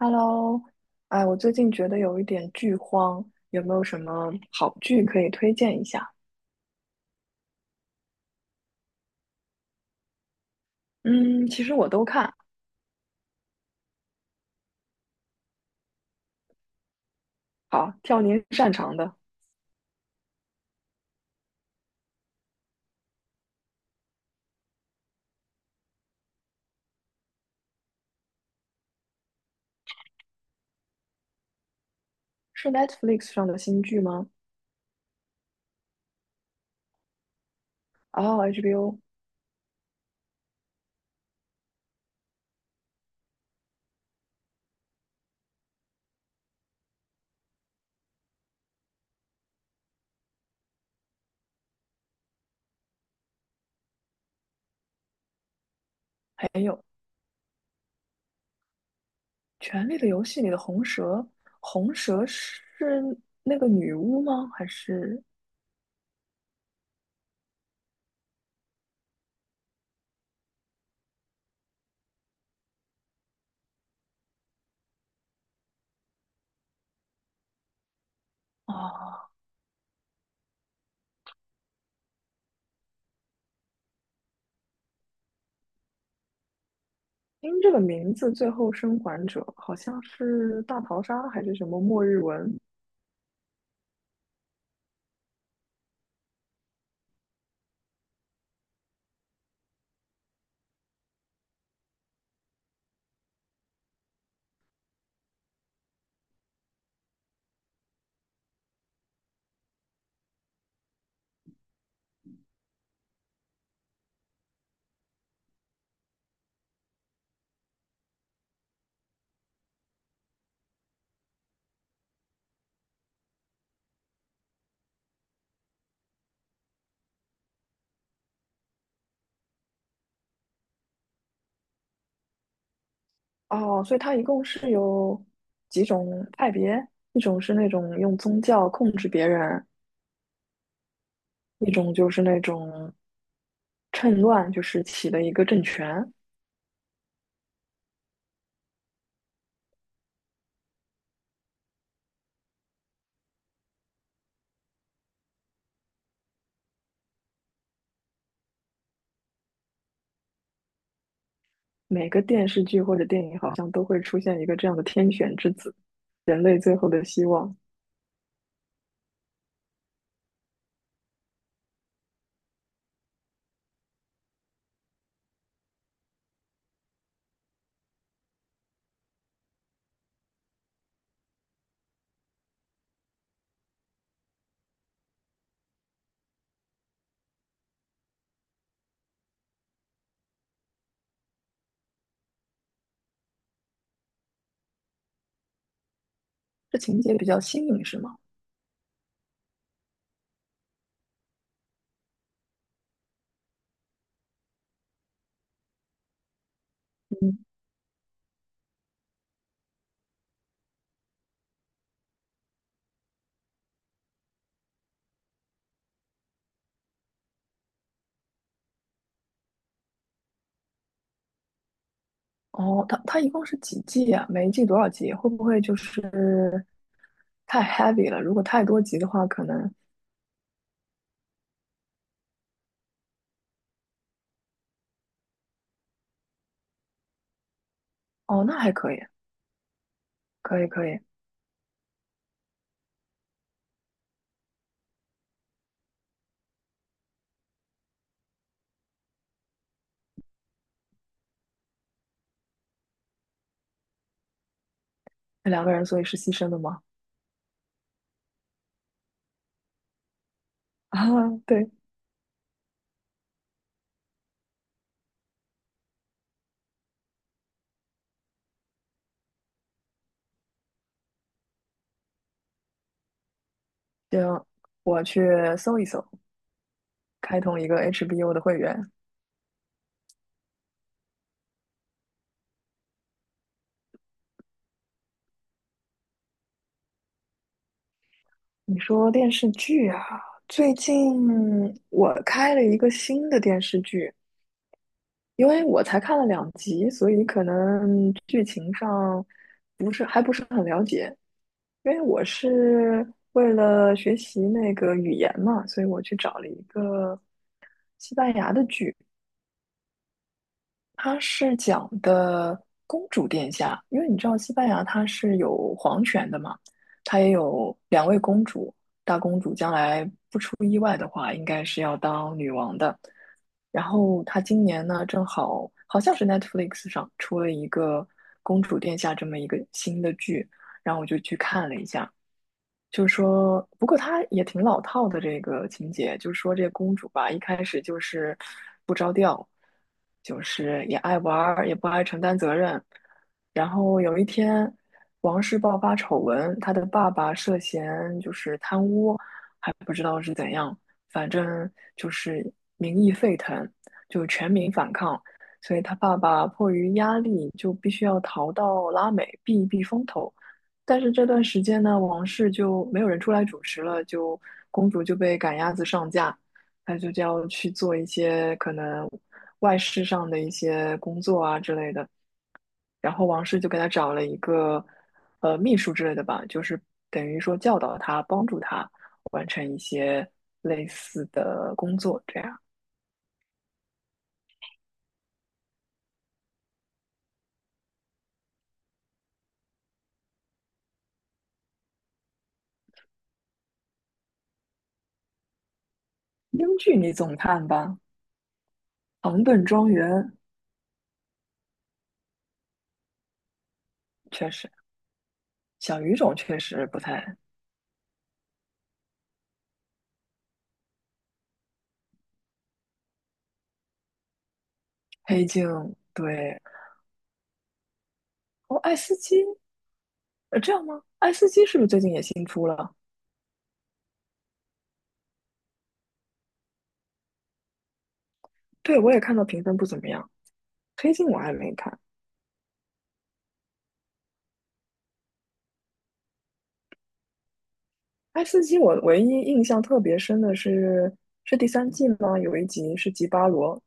Hello。哎，我最近觉得有一点剧荒，有没有什么好剧可以推荐一下？嗯，其实我都看。好，挑您擅长的。是 Netflix 上的新剧吗？哦，HBO 还有《权力的游戏》里的红蛇，红蛇是那个女巫吗？还是啊？听这个名字，《最后生还者》好像是大逃杀还是什么末日文？哦，所以它一共是有几种派别，一种是那种用宗教控制别人，一种就是那种趁乱，就是起了一个政权。每个电视剧或者电影好像都会出现一个这样的天选之子，人类最后的希望。这情节比较新颖，是吗？哦，它一共是几季啊？每一季多少集？会不会就是太 heavy 了？如果太多集的话，可能哦，那还可以，可以可以。那两个人所以是牺牲的吗？啊，对，行，我去搜一搜，开通一个 HBO 的会员。你说电视剧啊，最近我开了一个新的电视剧，因为我才看了两集，所以可能剧情上不是很了解。因为我是为了学习那个语言嘛，所以我去找了一个西班牙的剧，它是讲的公主殿下，因为你知道西班牙它是有皇权的嘛，它也有两位公主，大公主将来不出意外的话，应该是要当女王的。然后她今年呢，正好好像是 Netflix 上出了一个公主殿下这么一个新的剧，然后我就去看了一下，就是说，不过他也挺老套的这个情节，就是说这个公主吧，一开始就是不着调，就是也爱玩儿，也不爱承担责任。然后有一天，王室爆发丑闻，她的爸爸涉嫌就是贪污，还不知道是怎样，反正就是民意沸腾，就全民反抗，所以她爸爸迫于压力，就必须要逃到拉美避一避风头。但是这段时间呢，王室就没有人出来主持了，就公主就被赶鸭子上架，她就要去做一些可能外事上的一些工作啊之类的。然后王室就给她找了一个秘书之类的吧，就是等于说教导她，帮助她完成一些类似的工作。这样，英剧你总看吧，《唐顿庄园》确实，小语种确实不太，黑镜对，哦，爱斯基，呃，这样吗？爱斯基是不是最近也新出了？对，我也看到评分不怎么样，黑镜我还没看。爱斯基我唯一印象特别深的是是第三季吗？有一集是吉巴罗，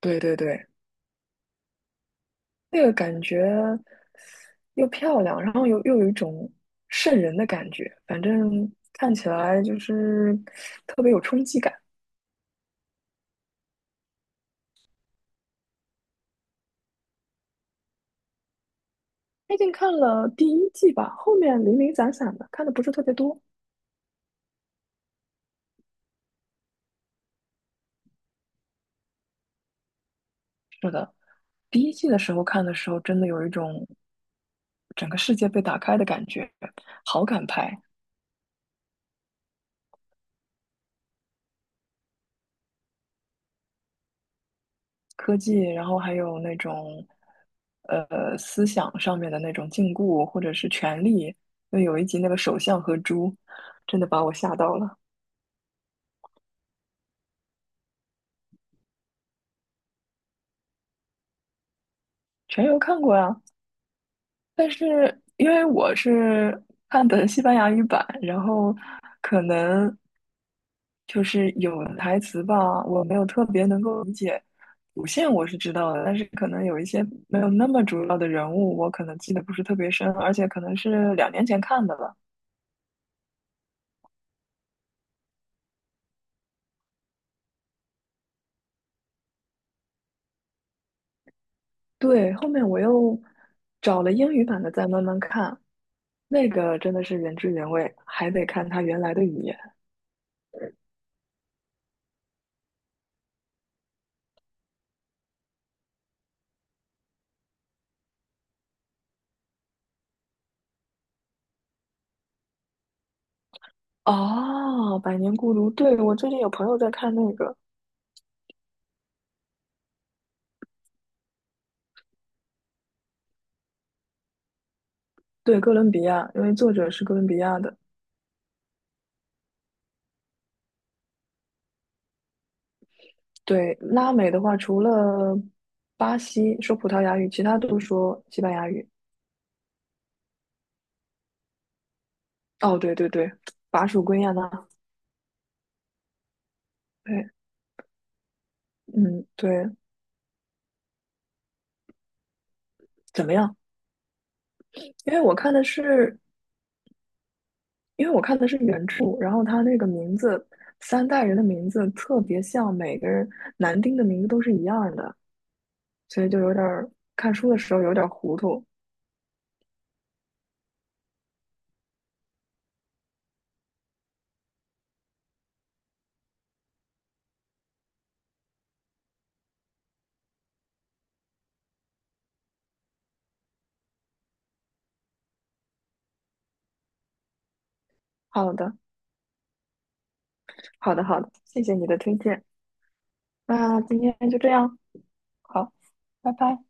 对对对，那个感觉又漂亮，然后又有一种瘆人的感觉，反正看起来就是特别有冲击感。最近看了第一季吧，后面零零散散的，看的不是特别多。第一季的时候看的时候，真的有一种整个世界被打开的感觉，好感派、科技，然后还有那种思想上面的那种禁锢或者是权力。因为有一集那个首相和猪，真的把我吓到了。全游看过呀，但是因为我是看的西班牙语版，然后可能就是有的台词吧，我没有特别能够理解。主线我是知道的，但是可能有一些没有那么主要的人物，我可能记得不是特别深，而且可能是两年前看的了。对，后面我又找了英语版的再慢慢看，那个真的是原汁原味，还得看它原来的语言。哦，《百年孤独》，对，我最近有朋友在看那个。对，哥伦比亚，因为作者是哥伦比亚的。对，拉美的话，除了巴西说葡萄牙语，其他都说西班牙语。哦，对对对，巴蜀归亚那。对，嗯，对，怎么样？因为我看的是，因为我看的是原著，然后他那个名字，三代人的名字特别像，每个人男丁的名字都是一样的，所以就有点儿看书的时候有点儿糊涂。好的，好的，好的，谢谢你的推荐。那今天就这样，好，拜拜。